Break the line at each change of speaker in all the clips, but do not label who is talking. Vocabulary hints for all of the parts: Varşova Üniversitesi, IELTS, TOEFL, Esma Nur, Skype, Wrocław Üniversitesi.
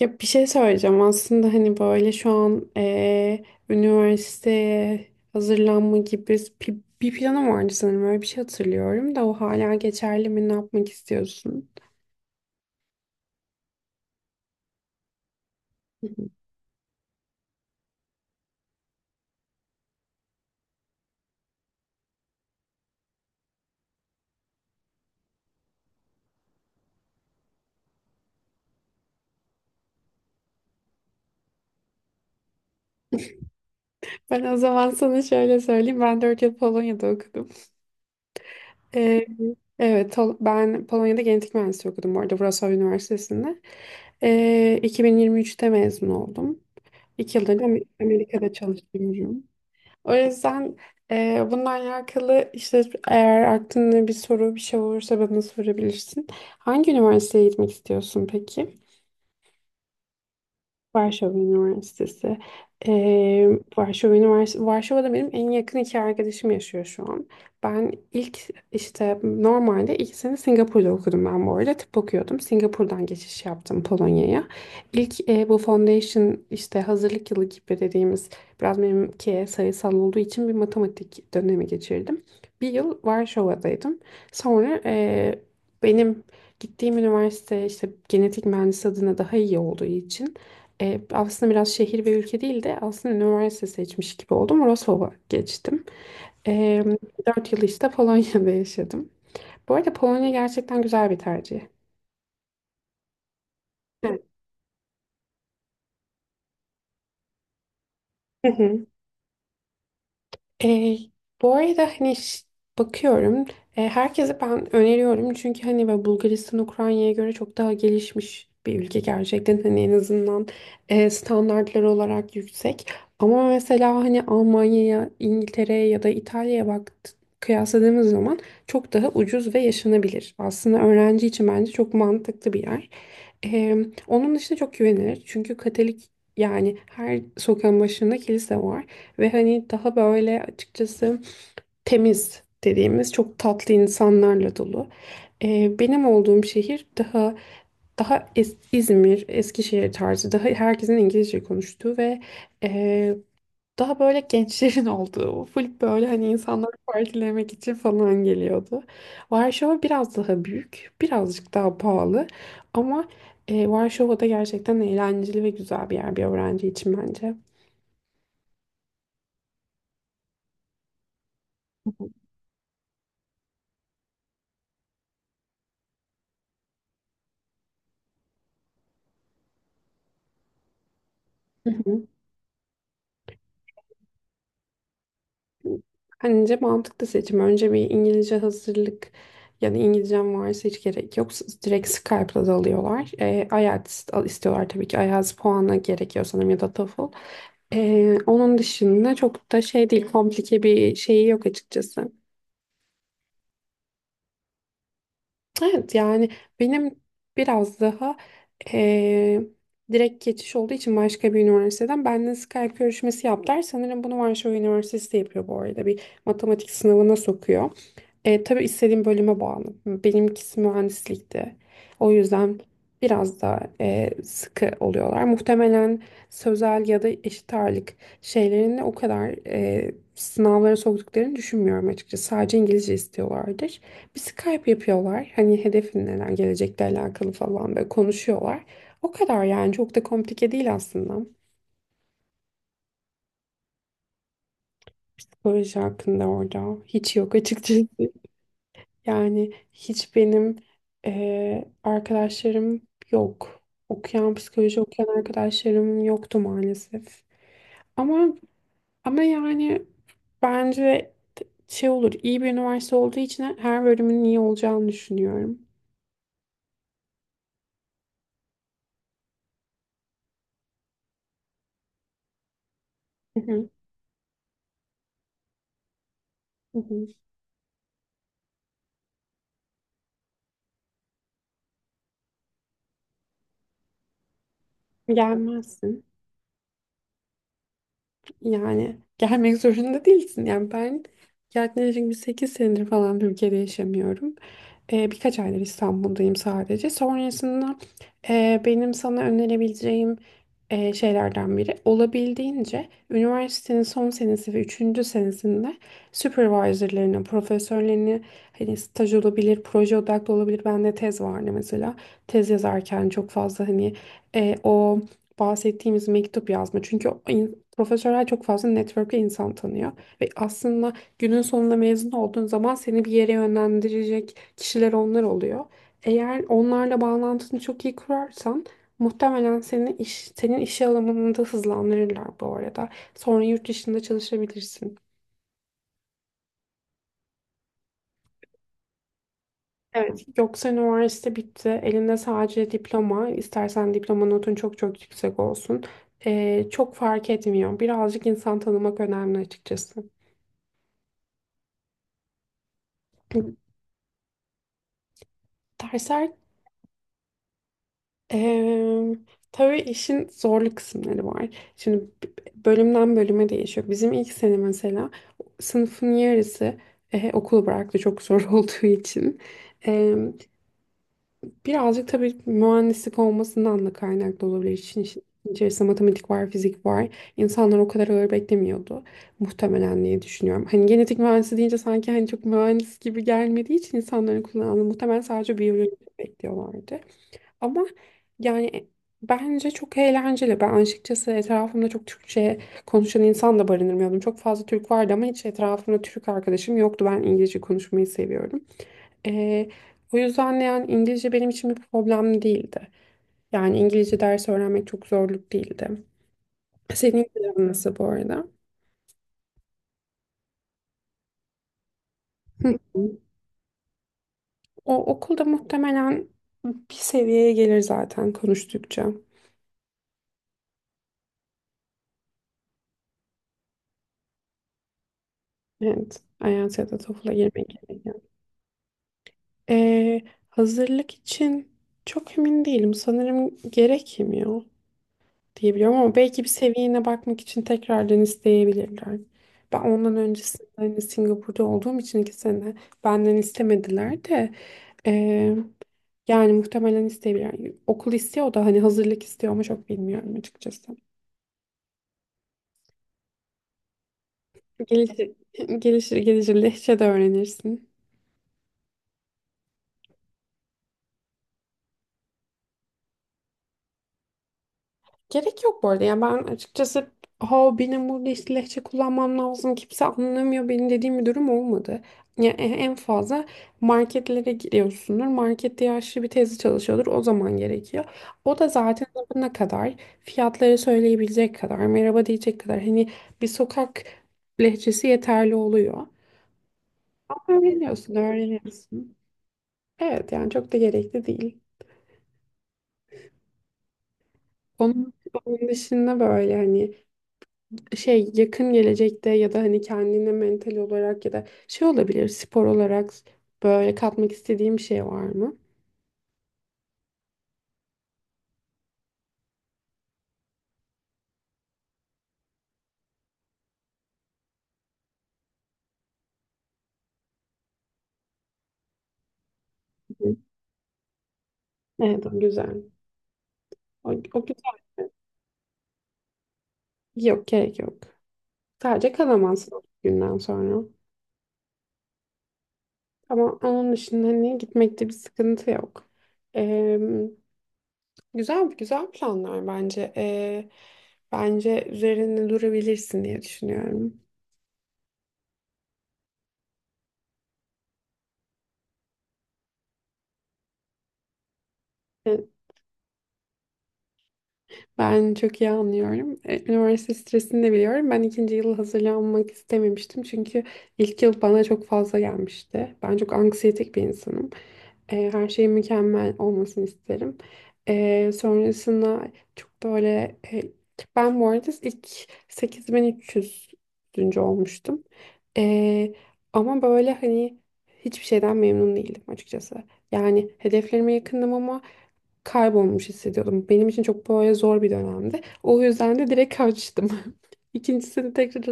Ya bir şey söyleyeceğim aslında hani böyle şu an üniversiteye hazırlanma gibi bir planım vardı sanırım öyle bir şey hatırlıyorum da o hala geçerli mi ne yapmak istiyorsun? Hı hı. Ben o zaman sana şöyle söyleyeyim ben 4 yıl Polonya'da okudum. Eee, evet, ben Polonya'da genetik mühendisliği okudum bu arada Wrocław Üniversitesi'nde. 2023'te mezun oldum. İki yıldır da Amerika'da çalışıyorum. O yüzden bununla alakalı işte eğer aklında bir soru bir şey olursa bana sorabilirsin. Hangi üniversiteye gitmek istiyorsun peki? Varşova Üniversitesi. Ee, Varşova Üniversitesi. Varşova'da benim en yakın iki arkadaşım yaşıyor şu an. Ben ilk işte normalde iki sene Singapur'da okudum ben bu arada. Tıp okuyordum. Singapur'dan geçiş yaptım Polonya'ya. İlk bu foundation işte hazırlık yılı gibi dediğimiz biraz benimki sayısal olduğu için bir matematik dönemi geçirdim. Bir yıl Varşova'daydım. Sonra benim gittiğim üniversite işte genetik mühendisi adına daha iyi olduğu için aslında biraz şehir ve ülke değil de aslında üniversite seçmiş gibi oldum. Wrocław'a geçtim. E, 4 yıl işte Polonya'da yaşadım. Bu arada Polonya gerçekten güzel bir tercih. Evet. E, bu arada hani bakıyorum, herkese ben öneriyorum çünkü hani ve Bulgaristan Ukrayna'ya göre çok daha gelişmiş bir ülke gerçekten hani en azından standartları olarak yüksek ama mesela hani Almanya'ya İngiltere'ye ya da İtalya'ya kıyasladığımız zaman çok daha ucuz ve yaşanabilir. Aslında öğrenci için bence çok mantıklı bir yer. Eee, Onun dışında çok güvenilir. Çünkü Katolik, yani her sokağın başında kilise var. Ve hani daha böyle açıkçası temiz dediğimiz çok tatlı insanlarla dolu. Benim olduğum şehir daha İzmir, Eskişehir tarzı, daha herkesin İngilizce konuştuğu ve daha böyle gençlerin olduğu, full böyle hani insanları partilemek için falan geliyordu. Varşova biraz daha büyük, birazcık daha pahalı ama Varşova da gerçekten eğlenceli ve güzel bir yer bir öğrenci için bence. Hı hı. Bence mantıklı seçim. Önce bir İngilizce hazırlık, yani İngilizcem varsa hiç gerek yok. Direkt Skype'la da alıyorlar. IELTS istiyorlar tabii ki. IELTS puanı gerekiyor sanırım ya da TOEFL. Onun dışında çok da şey değil, komplike bir şeyi yok açıkçası. Evet yani benim biraz daha, e, direkt geçiş olduğu için başka bir üniversiteden benimle Skype görüşmesi yaptılar. Sanırım bunu Varşova Üniversitesi de yapıyor bu arada. Bir matematik sınavına sokuyor. Tabii istediğim bölüme bağlı. Benimkisi mühendislikti. O yüzden biraz daha sıkı oluyorlar. Muhtemelen sözel ya da eşit ağırlık şeylerini o kadar, sınavlara soktuklarını düşünmüyorum açıkçası. Sadece İngilizce istiyorlardır. Bir Skype yapıyorlar. Hani hedefin neler, gelecekle alakalı falan böyle konuşuyorlar. O kadar, yani çok da komplike değil aslında. Proje hakkında orada hiç yok açıkçası. Yani hiç benim arkadaşlarım yok. Okuyan, psikoloji okuyan arkadaşlarım yoktu maalesef. Ama ama yani bence şey olur, iyi bir üniversite olduğu için her bölümün iyi olacağını düşünüyorum. Hı hı, hı hı. Gelmezsin. Yani gelmek zorunda değilsin. Yani ben yaklaşık bir 8 senedir falan Türkiye'de yaşamıyorum. Birkaç aydır İstanbul'dayım sadece. Sonrasında benim sana önerebileceğim şeylerden biri olabildiğince üniversitenin son senesi ve üçüncü senesinde supervisorlarını, profesörlerini hani staj olabilir, proje odaklı olabilir. Bende tez vardı mesela. Tez yazarken çok fazla hani o bahsettiğimiz mektup yazma. Çünkü profesörler çok fazla network'e insan tanıyor ve aslında günün sonunda mezun olduğun zaman seni bir yere yönlendirecek kişiler onlar oluyor. Eğer onlarla bağlantını çok iyi kurarsan muhtemelen seni iş, senin iş alanında hızlandırırlar bu arada. Sonra yurt dışında çalışabilirsin. Evet, yoksa üniversite bitti. Elinde sadece diploma. İstersen diploma notun çok çok yüksek olsun. Çok fark etmiyor. Birazcık insan tanımak önemli açıkçası. Dersler Eee tabii işin zorlu kısımları var. Şimdi bölümden bölüme değişiyor. Bizim ilk sene mesela sınıfın yarısı okulu bıraktı çok zor olduğu için. Eee, birazcık tabii mühendislik olmasından da kaynaklı olabilir. İşin içerisinde matematik var, fizik var. İnsanlar o kadar ağır beklemiyordu. Muhtemelen diye düşünüyorum. Hani genetik mühendisi deyince sanki hani çok mühendis gibi gelmediği için insanların kullandığı muhtemelen sadece biyoloji bekliyorlardı. Ama yani bence çok eğlenceli. Ben açıkçası etrafımda çok Türkçe konuşan insan da barındırmıyordum. Çok fazla Türk vardı ama hiç etrafımda Türk arkadaşım yoktu. Ben İngilizce konuşmayı seviyorum. Ee, o yüzden de yani İngilizce benim için bir problem değildi. Yani İngilizce ders öğrenmek çok zorluk değildi. Senin planın nasıl bu arada? Hı hı. O okulda muhtemelen bir seviyeye gelir zaten konuştukça. Evet, IELTS ya da TOEFL'a girmek gerekiyor. Ee, hazırlık için çok emin değilim. Sanırım gerekmiyor diye biliyorum ama belki bir seviyene bakmak için tekrardan isteyebilirler. Ben ondan öncesinde hani Singapur'da olduğum için iki sene benden istemediler de, ee, yani muhtemelen isteyebilirler. Yani okul istiyor da hani hazırlık istiyor ama çok bilmiyorum açıkçası. Gelişir, gelişir, gelişir. Lehçe de öğrenirsin. Gerek yok bu arada. Yani ben açıkçası ha benim burada işte lehçe kullanmam lazım. Kimse anlamıyor beni dediğim bir durum olmadı. Yani en fazla marketlere giriyorsundur. Markette yaşlı bir teyze çalışıyordur. O zaman gerekiyor. O da zaten ne kadar fiyatları söyleyebilecek kadar, merhaba diyecek kadar hani bir sokak lehçesi yeterli oluyor. Ama öğreniyorsun, öğreniyorsun. Evet yani çok da gerekli değil. Onun, onun dışında böyle hani şey yakın gelecekte ya da hani kendine mental olarak ya da şey olabilir spor olarak böyle katmak istediğim bir şey var mı? Hı. Evet o güzel. O güzel. Yok gerek yok. Sadece kalamazsın o günden sonra. Ama onun dışında hani gitmekte bir sıkıntı yok. Ee, güzel güzel planlar bence. Bence üzerinde durabilirsin diye düşünüyorum. Evet, ben çok iyi anlıyorum. Üniversite stresini de biliyorum. Ben ikinci yıl hazırlanmak istememiştim. Çünkü ilk yıl bana çok fazla gelmişti. Ben çok anksiyetik bir insanım. Her şeyin mükemmel olmasını isterim. Sonrasında çok böyle, ben bu arada ilk 8.300. olmuştum. E, ama böyle hani hiçbir şeyden memnun değildim açıkçası. Yani hedeflerime yakındım ama kaybolmuş hissediyordum. Benim için çok böyle zor bir dönemdi. O yüzden de direkt kaçtım. İkincisini tekrar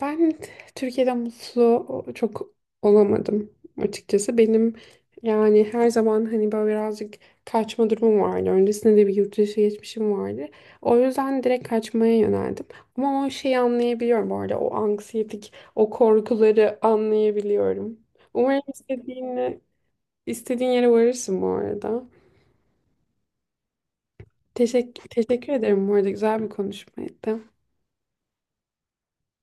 Ben Türkiye'de mutlu çok olamadım açıkçası. Benim yani her zaman hani böyle birazcık kaçma durumum vardı. Öncesinde de bir yurt dışı geçmişim vardı. O yüzden direkt kaçmaya yöneldim. Ama o şeyi anlayabiliyorum bu arada. O anksiyetik, o korkuları anlayabiliyorum. Umarım istediğin yere varırsın bu arada. Teşekkür ederim bu arada. Güzel bir konuşmaydı.